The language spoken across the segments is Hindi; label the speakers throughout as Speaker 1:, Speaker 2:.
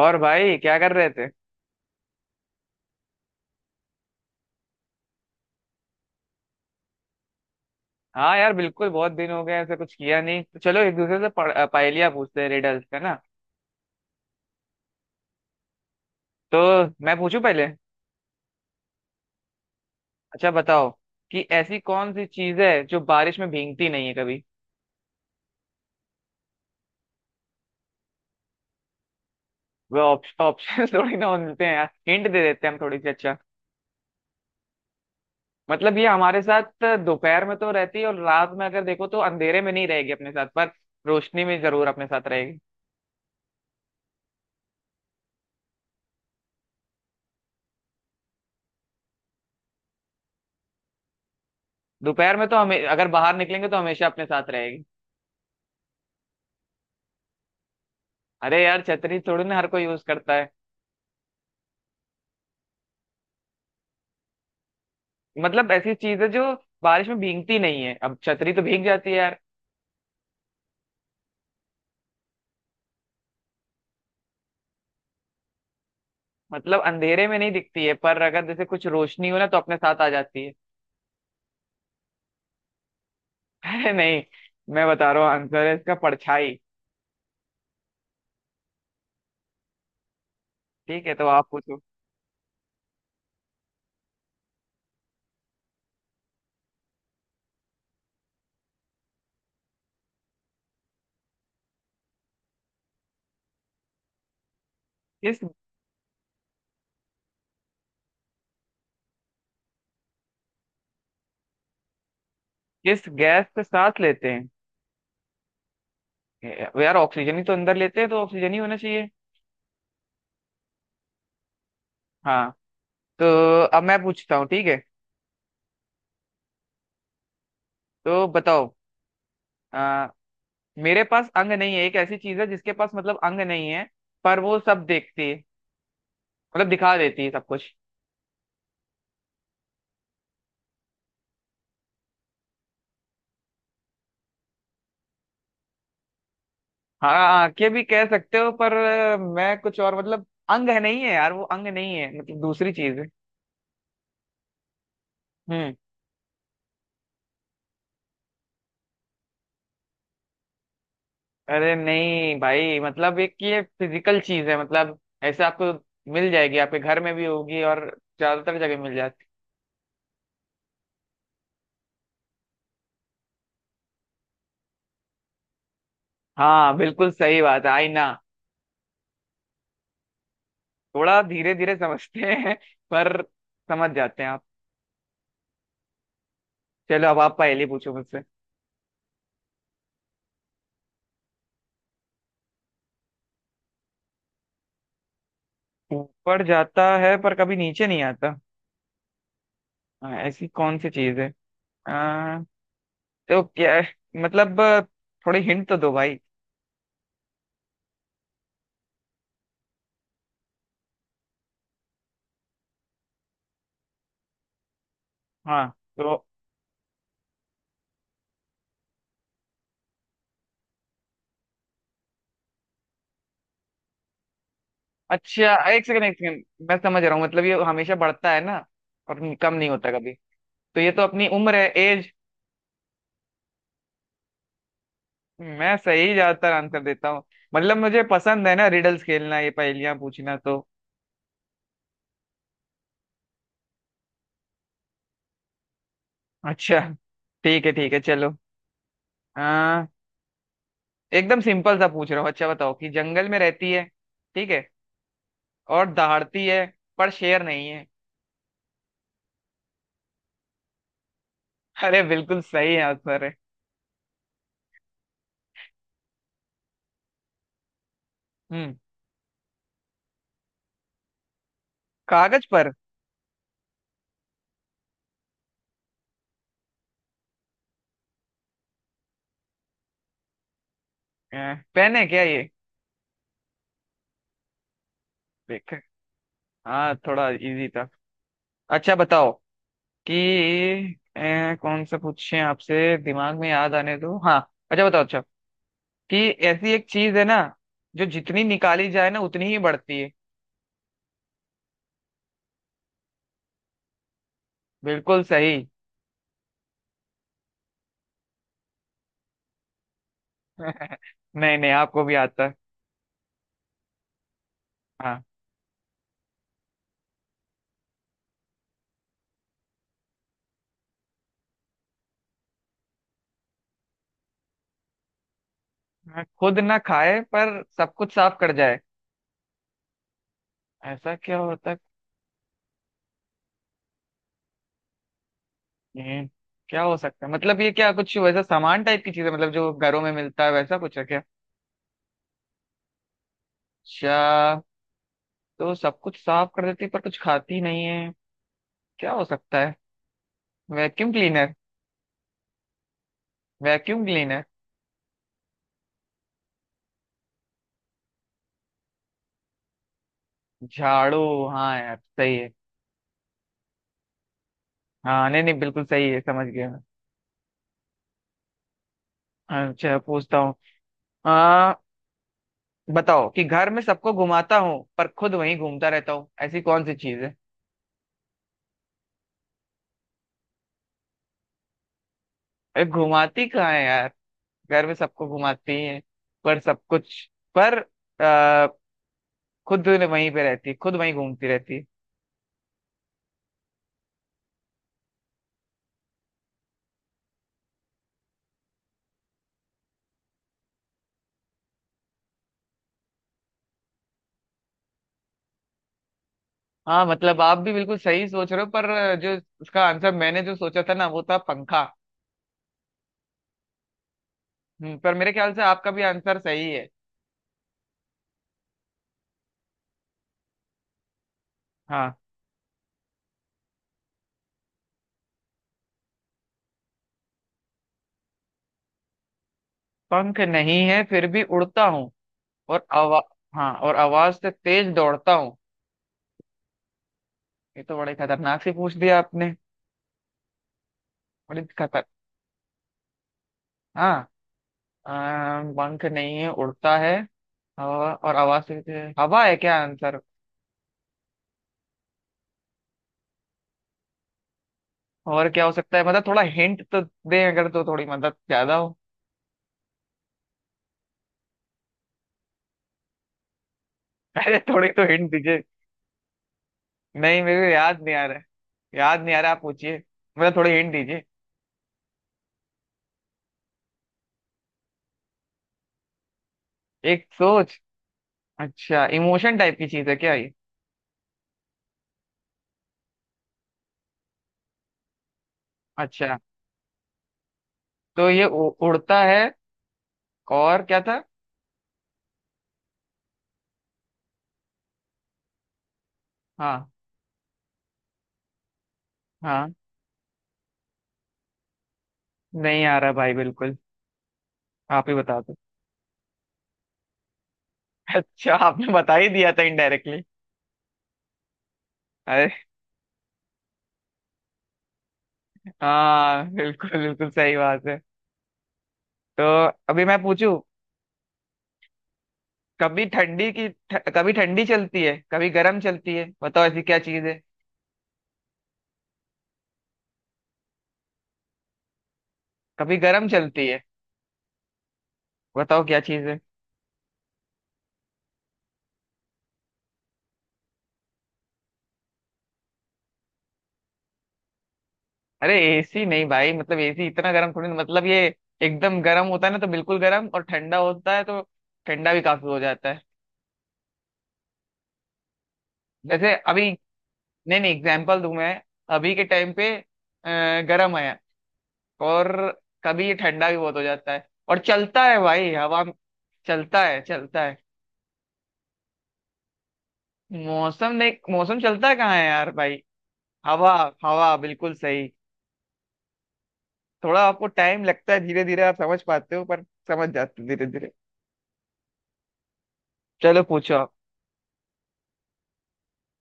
Speaker 1: और भाई क्या कर रहे थे? हाँ यार, बिल्कुल। बहुत दिन हो गए ऐसा कुछ किया नहीं, तो चलो एक दूसरे से पहेलियाँ पूछते हैं, रिडल्स का ना। तो मैं पूछूं पहले। अच्छा बताओ कि ऐसी कौन सी चीज है जो बारिश में भीगती नहीं है कभी? वह ऑप्शन थोड़ी ना मिलते हैं यार, हिंट दे देते हैं हम थोड़ी सी। अच्छा। मतलब ये हमारे साथ दोपहर में तो रहती है, और रात में अगर देखो तो अंधेरे में नहीं रहेगी अपने साथ, पर रोशनी में जरूर अपने साथ रहेगी। दोपहर में तो हमें अगर बाहर निकलेंगे तो हमेशा अपने साथ रहेगी। अरे यार, छतरी थोड़ी ना हर कोई यूज करता है। मतलब ऐसी चीज है जो बारिश में भीगती नहीं है, अब छतरी तो भीग जाती है यार। मतलब अंधेरे में नहीं दिखती है, पर अगर जैसे कुछ रोशनी हो ना तो अपने साथ आ जाती है। अरे नहीं, मैं बता रहा हूँ आंसर है इसका, परछाई। ठीक है, तो आप पूछो। किस किस गैस को साथ लेते हैं? यार ऑक्सीजन ही तो अंदर लेते हैं, तो ऑक्सीजन ही होना चाहिए। हाँ। तो अब मैं पूछता हूँ, ठीक है। तो बताओ। आ, मेरे पास अंग नहीं है, एक ऐसी चीज है जिसके पास मतलब अंग नहीं है, पर वो सब देखती है, मतलब दिखा देती है सब कुछ। हाँ, आंखें भी कह सकते हो पर मैं कुछ और, मतलब अंग है नहीं है यार, वो अंग नहीं है, मतलब दूसरी चीज है। हम्म। अरे नहीं भाई, मतलब एक ये फिजिकल चीज है, मतलब ऐसे आपको मिल जाएगी, आपके घर में भी होगी और ज्यादातर जगह मिल जाती। हाँ बिल्कुल सही बात है, आईना। थोड़ा धीरे धीरे समझते हैं, पर समझ जाते हैं आप। चलो अब आप पहले पूछो मुझसे। ऊपर जाता है पर कभी नीचे नहीं आता। हाँ, ऐसी कौन सी चीज है? तो क्या, मतलब थोड़े हिंट तो दो भाई। हाँ। तो अच्छा, एक सेकंड एक सेकंड, मैं समझ रहा हूँ। मतलब ये हमेशा बढ़ता है ना, और कम नहीं होता कभी। तो ये तो अपनी उम्र है, एज। मैं सही ज्यादातर आंसर देता हूँ। मतलब मुझे पसंद है ना रिडल्स खेलना, ये पहेलियां पूछना तो। अच्छा, ठीक है चलो। आ, एकदम सिंपल सा पूछ रहा हूँ। अच्छा बताओ कि जंगल में रहती है। ठीक है, और दहाड़ती है, पर शेर नहीं है। अरे बिल्कुल सही आंसर है। हम्म। कागज पर? पेन है क्या ये? देख। हाँ थोड़ा इजी था। अच्छा बताओ कि कौन सा पूछें आपसे, दिमाग में याद आने दो। हाँ अच्छा बताओ, अच्छा कि ऐसी एक चीज है ना, जो जितनी निकाली जाए ना उतनी ही बढ़ती है। बिल्कुल सही। नहीं नहीं, आपको भी आता है। हाँ। हाँ, खुद ना खाए पर सब कुछ साफ कर जाए, ऐसा क्या होता है? हम्म, क्या हो सकता है, मतलब ये क्या कुछ वैसा सामान टाइप की चीज है, मतलब जो घरों में मिलता है वैसा कुछ है क्या? अच्छा, तो सब कुछ साफ कर देती पर कुछ खाती नहीं है। क्या हो सकता है? Vacuum cleaner? Vacuum cleaner. झाड़ू? हाँ यार सही है। हाँ नहीं नहीं, बिल्कुल सही है, समझ गया मैं। अच्छा, पूछता हूँ। आ बताओ कि घर में सबको घुमाता हूँ, पर खुद वहीं घूमता रहता हूँ, ऐसी कौन सी चीज है? अरे घुमाती कहाँ है यार। घर में सबको घुमाती है, पर सब कुछ, पर आ, खुद वहीं पे रहती, खुद वहीं घूमती रहती। हाँ मतलब आप भी बिल्कुल सही सोच रहे हो, पर जो उसका आंसर मैंने जो सोचा था ना, वो था पंखा। पर मेरे ख्याल से आपका भी आंसर सही है। हाँ। पंख नहीं है फिर भी उड़ता हूँ, और आवा हाँ और आवाज से तेज दौड़ता हूँ। ये तो बड़े खतरनाक से पूछ दिया आपने। बड़ी खतर हाँ। पंख नहीं है, उड़ता है, और आवाज से हवा है क्या आंसर? और क्या हो सकता है, मतलब थोड़ा हिंट तो दें अगर तो थोड़ी मदद ज्यादा हो। अरे थोड़ी तो हिंट दीजिए। नहीं, मेरे को याद नहीं आ रहा है। याद नहीं आ रहा, आप पूछिए, मतलब थोड़े हिंट दीजिए। एक सोच? अच्छा, इमोशन टाइप की चीज है क्या ये? अच्छा, तो ये उड़ता है, और क्या था? हाँ। हाँ नहीं आ रहा भाई बिल्कुल, आप ही बता दो। अच्छा, आपने बता ही दिया था इनडायरेक्टली। अरे हाँ, बिल्कुल बिल्कुल सही बात है। तो अभी मैं पूछूं? कभी ठंडी चलती है, कभी गर्म चलती है, बताओ ऐसी क्या चीज है? कभी गर्म चलती है, बताओ क्या चीज है? अरे एसी नहीं भाई, मतलब एसी इतना गर्म थोड़ी ना, मतलब ये एकदम गर्म होता है ना तो बिल्कुल गर्म, और ठंडा होता है तो ठंडा भी काफी हो जाता है, जैसे अभी। नहीं नहीं, एग्जाम्पल दूं मैं। अभी के टाइम पे गर्म है। और कभी ये ठंडा भी बहुत हो जाता है, और चलता है भाई, हवा। चलता है, चलता है। मौसम नहीं, मौसम चलता कहाँ है यार भाई। हवा। हवा, बिल्कुल सही। थोड़ा आपको टाइम लगता है, धीरे धीरे आप समझ पाते हो, पर समझ जाते हो धीरे धीरे। चलो पूछो आप।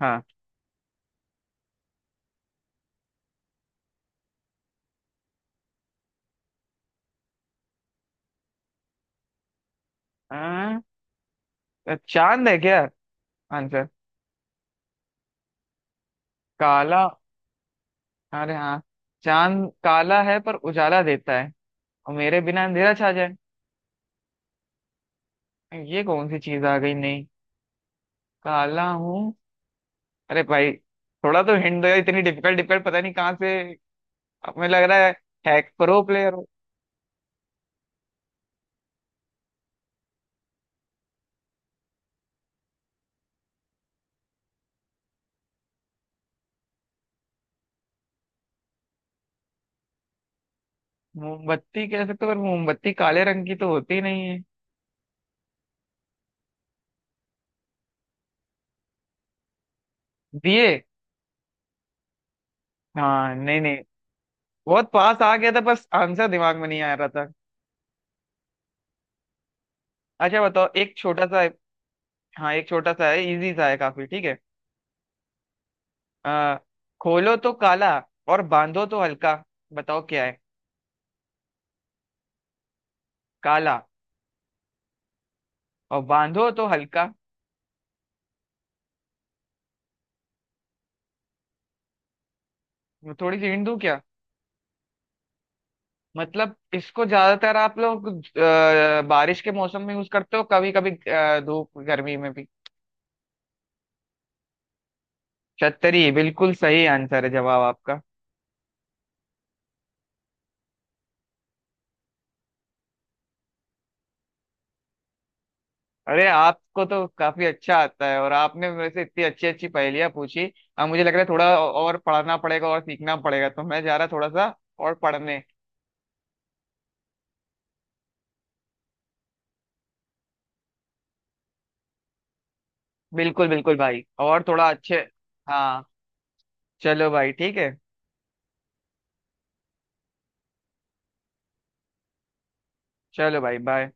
Speaker 1: हाँ, हाँ, चांद है क्या आंसर? काला? अरे हाँ, चांद काला है पर उजाला देता है, और मेरे बिना अंधेरा छा जाए। ये कौन सी चीज आ गई? नहीं, काला हूँ। अरे भाई, थोड़ा तो हिंट दो यार, इतनी डिफिकल्ट डिफिकल्ट पता नहीं कहाँ से हमें लग रहा है। हैक प्रो प्लेयर हो। मोमबत्ती कह सकते हो पर मोमबत्ती काले रंग की तो होती नहीं है। दिए? हाँ नहीं नहीं, बहुत पास आ गया था बस आंसर दिमाग में नहीं आ रहा था। अच्छा बताओ, एक छोटा सा। हाँ, एक छोटा सा है, इजी सा है काफी, ठीक है। आ, खोलो तो काला, और बांधो तो हल्का, बताओ क्या है? काला। और बांधो तो हल्का। मैं थोड़ी सी हिंट दूं क्या? मतलब इसको ज्यादातर आप लोग बारिश के मौसम में यूज करते हो कभी कभी, धूप गर्मी में भी। छतरी, बिल्कुल सही आंसर है जवाब आपका। अरे आपको तो काफी अच्छा आता है, और आपने मेरे से इतनी अच्छी अच्छी पहेलियां पूछी। अब मुझे लग रहा है थोड़ा और पढ़ना पड़ेगा और सीखना पड़ेगा, तो मैं जा रहा थोड़ा सा और पढ़ने। बिल्कुल बिल्कुल भाई, और थोड़ा अच्छे। हाँ चलो भाई ठीक है। चलो भाई बाय।